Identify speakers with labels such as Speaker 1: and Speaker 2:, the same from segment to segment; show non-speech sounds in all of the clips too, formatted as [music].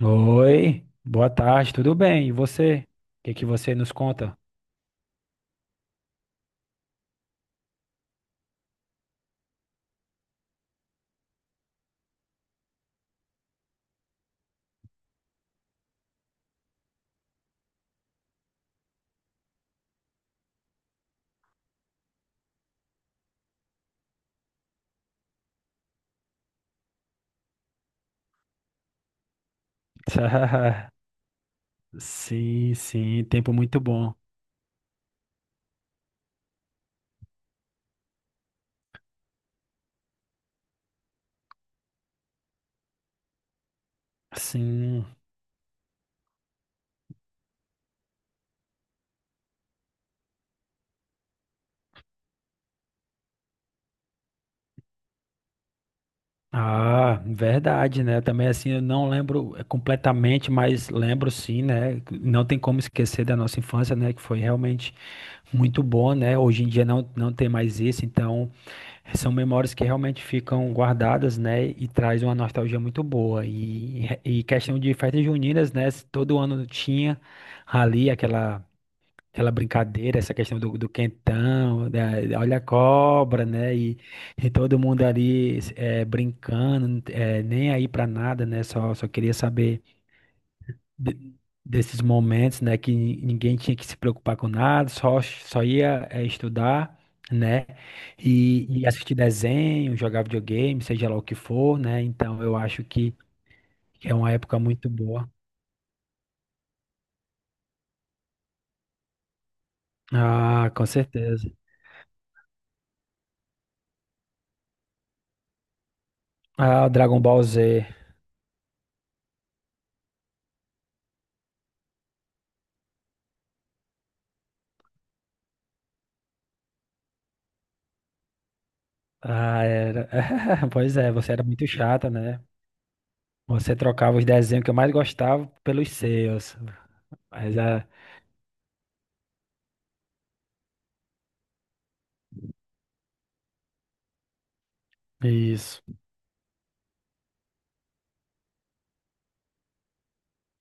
Speaker 1: Oi, boa tarde, tudo bem? E você? O que que você nos conta? [laughs] Sim, sim, tempo muito bom. Sim. Ah, verdade, né? Também assim, eu não lembro completamente, mas lembro, sim, né? Não tem como esquecer da nossa infância, né? Que foi realmente muito bom, né? Hoje em dia não tem mais isso, então. É. São memórias que realmente ficam guardadas, né? E traz uma nostalgia muito boa. E questão de festas juninas, né? Todo ano tinha ali aquela brincadeira, essa questão do, do quentão, olha a cobra, né? E todo mundo ali brincando, nem aí pra nada, né? Só, só queria saber de- desses momentos, né, que ninguém tinha que se preocupar com nada, só, só ia estudar, né, e assistir desenho, jogar videogame, seja lá o que for, né, então eu acho que é uma época muito boa. Ah, com certeza. Ah, o Dragon Ball Z. Ah, era. [laughs] Pois é, você era muito chata, né? Você trocava os desenhos que eu mais gostava pelos seus. Mas é. Isso.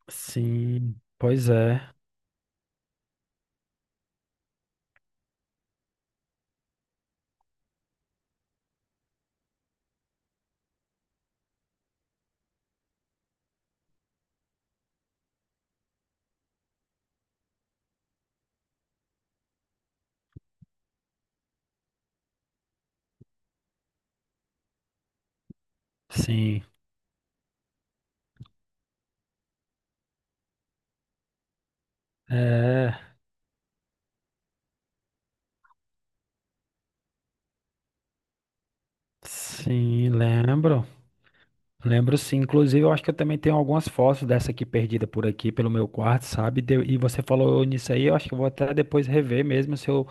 Speaker 1: Sim. Pois é. Sim. É. Sim, lembro. Lembro, sim. Inclusive, eu acho que eu também tenho algumas fotos dessa aqui perdida por aqui, pelo meu quarto, sabe? E você falou nisso aí, eu acho que eu vou até depois rever mesmo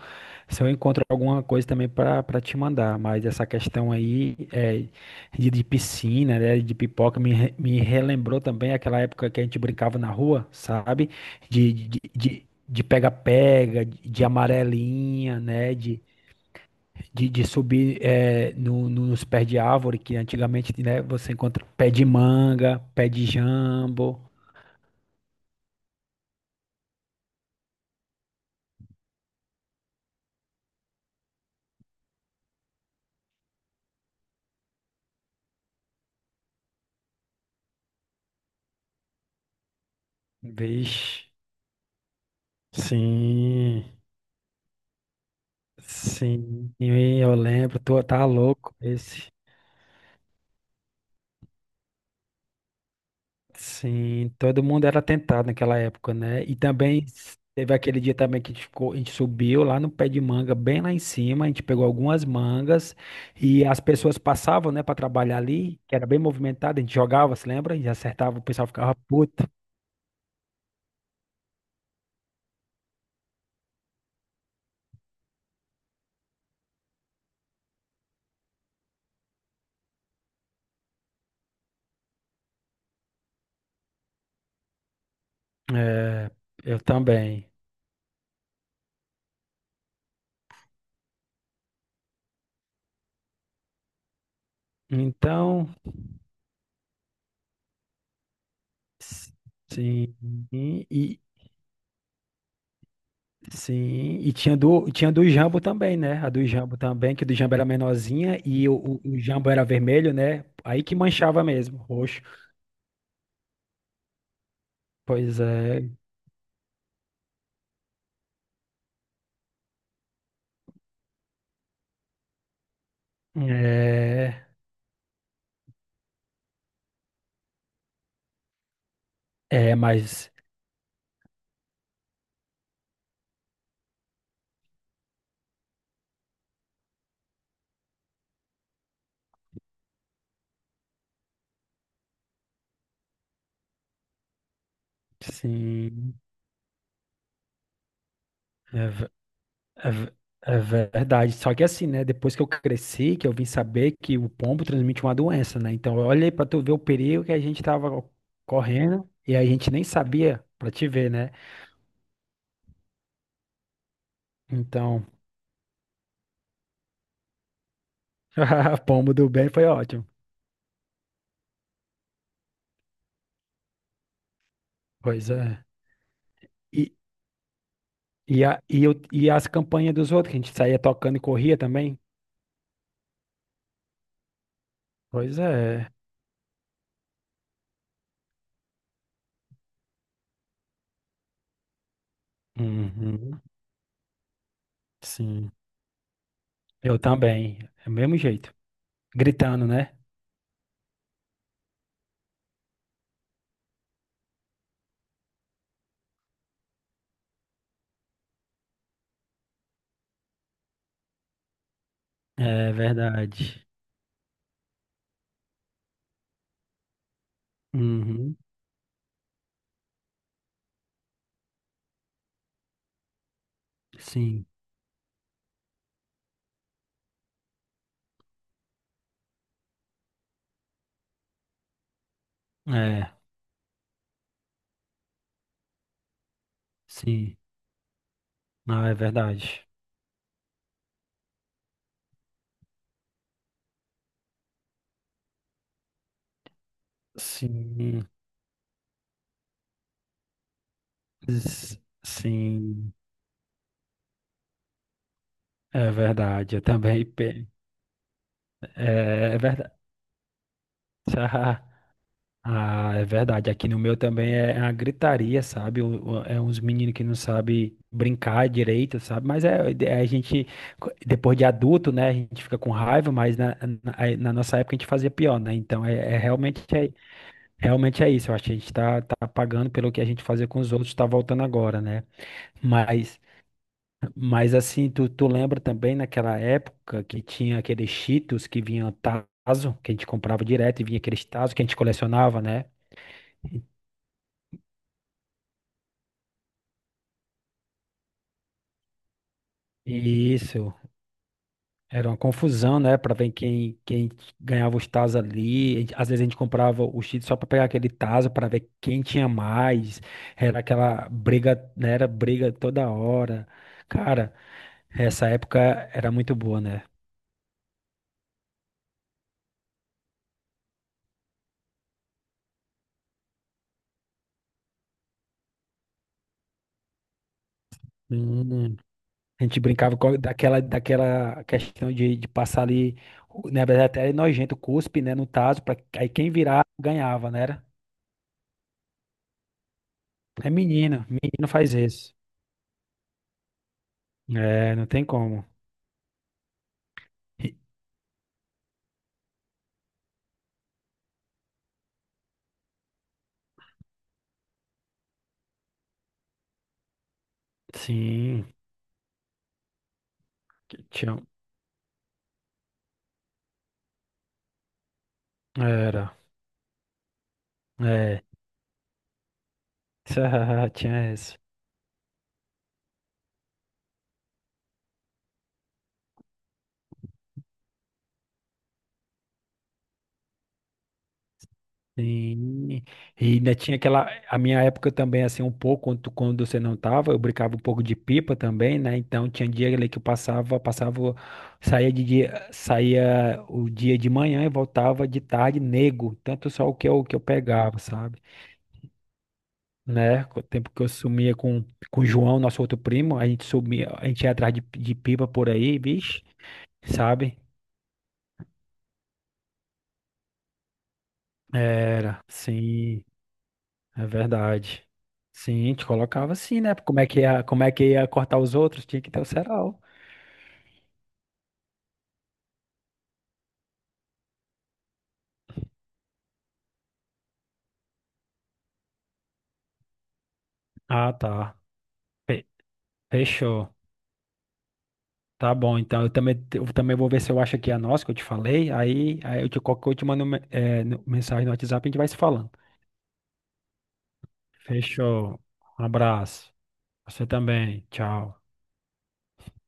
Speaker 1: se eu encontro alguma coisa também para te mandar. Mas essa questão aí é, de piscina, né? De pipoca, me relembrou também aquela época que a gente brincava na rua, sabe? De, de pega-pega, de amarelinha, né? De subir no, nos pés de árvore, que antigamente, né, você encontra pé de manga, pé de jambo. Vixe, sim, sim, eu lembro, tu tá louco esse. Sim, todo mundo era tentado naquela época, né? E também teve aquele dia também que a gente ficou, a gente subiu lá no pé de manga, bem lá em cima, a gente pegou algumas mangas e as pessoas passavam, né, para trabalhar ali, que era bem movimentado, a gente jogava, se lembra? E acertava, o pessoal ficava puto. É, eu também. Então, sim, e sim, e tinha do Jambo também, né? A do Jambo também, que o do Jambo era menorzinha e o Jambo era vermelho, né? Aí que manchava mesmo, roxo. Pois é, é, é, mas sim, é. É ve- É verdade. Só que assim, né? Depois que eu cresci, que eu vim saber que o pombo transmite uma doença, né? Então, olha aí pra tu ver o perigo que a gente tava correndo e a gente nem sabia pra te ver, né? Então, [laughs] pombo do bem foi ótimo. Pois é. E, e as campanhas dos outros, que a gente saía tocando e corria também? Pois é. Uhum. Sim. Eu também. É o mesmo jeito. Gritando, né? É verdade. Uhum. Sim. É. Sim. Ah, é verdade. Sim, s- sim, é verdade. Eu também é, é verdade. [laughs] Ah, é verdade. Aqui no meu também é a gritaria, sabe? É uns meninos que não sabem brincar direito, sabe? Mas é, é, é, a gente, depois de adulto, né? A gente fica com raiva, mas aí na nossa época a gente fazia pior, né? Então é, é realmente é, realmente é isso. Eu acho que a gente tá, tá pagando pelo que a gente fazia com os outros, tá voltando agora, né? Mas Mas assim, tu, tu lembra também naquela época que tinha aqueles Cheetos que vinha tazo, que a gente comprava direto e vinha aqueles tazo que a gente colecionava, né? E isso, era uma confusão, né? Pra ver quem, quem ganhava os tazos ali. Às vezes a gente comprava o Cheetos só pra pegar aquele tazo pra ver quem tinha mais. Era aquela briga, né? Era briga toda hora. Cara, essa época era muito boa, né? A gente brincava com daquela, daquela questão de passar ali, na verdade até era nojento, cuspe, né, no tazo, pra, aí quem virar ganhava, né? Era? É, menino, menino faz isso. É, não tem como. E- sim, que tinha, era, é, [laughs] tinha isso. Sim, e ainda tinha aquela, a minha época também, assim, um pouco, quando, quando você não tava, eu brincava um pouco de pipa também, né, então tinha dia ali que eu passava, passava, saía de dia, saía o dia de manhã e voltava de tarde nego, tanto só o que eu pegava, sabe, né, com o tempo que eu sumia com o João, nosso outro primo, a gente sumia, a gente ia atrás de pipa por aí, bicho, sabe, era, sim. É verdade. Sim, te colocava assim, né? Como é que ia, como é que ia cortar os outros? Tinha que ter o cerol. Ah, tá. Fe- Fechou. Tá bom, então eu também vou ver se eu acho aqui a nossa que eu te falei. Aí, aí eu te, qualquer coisa eu te mando mensagem no WhatsApp e a gente vai se falando. Fechou. Um abraço. Você também. Tchau.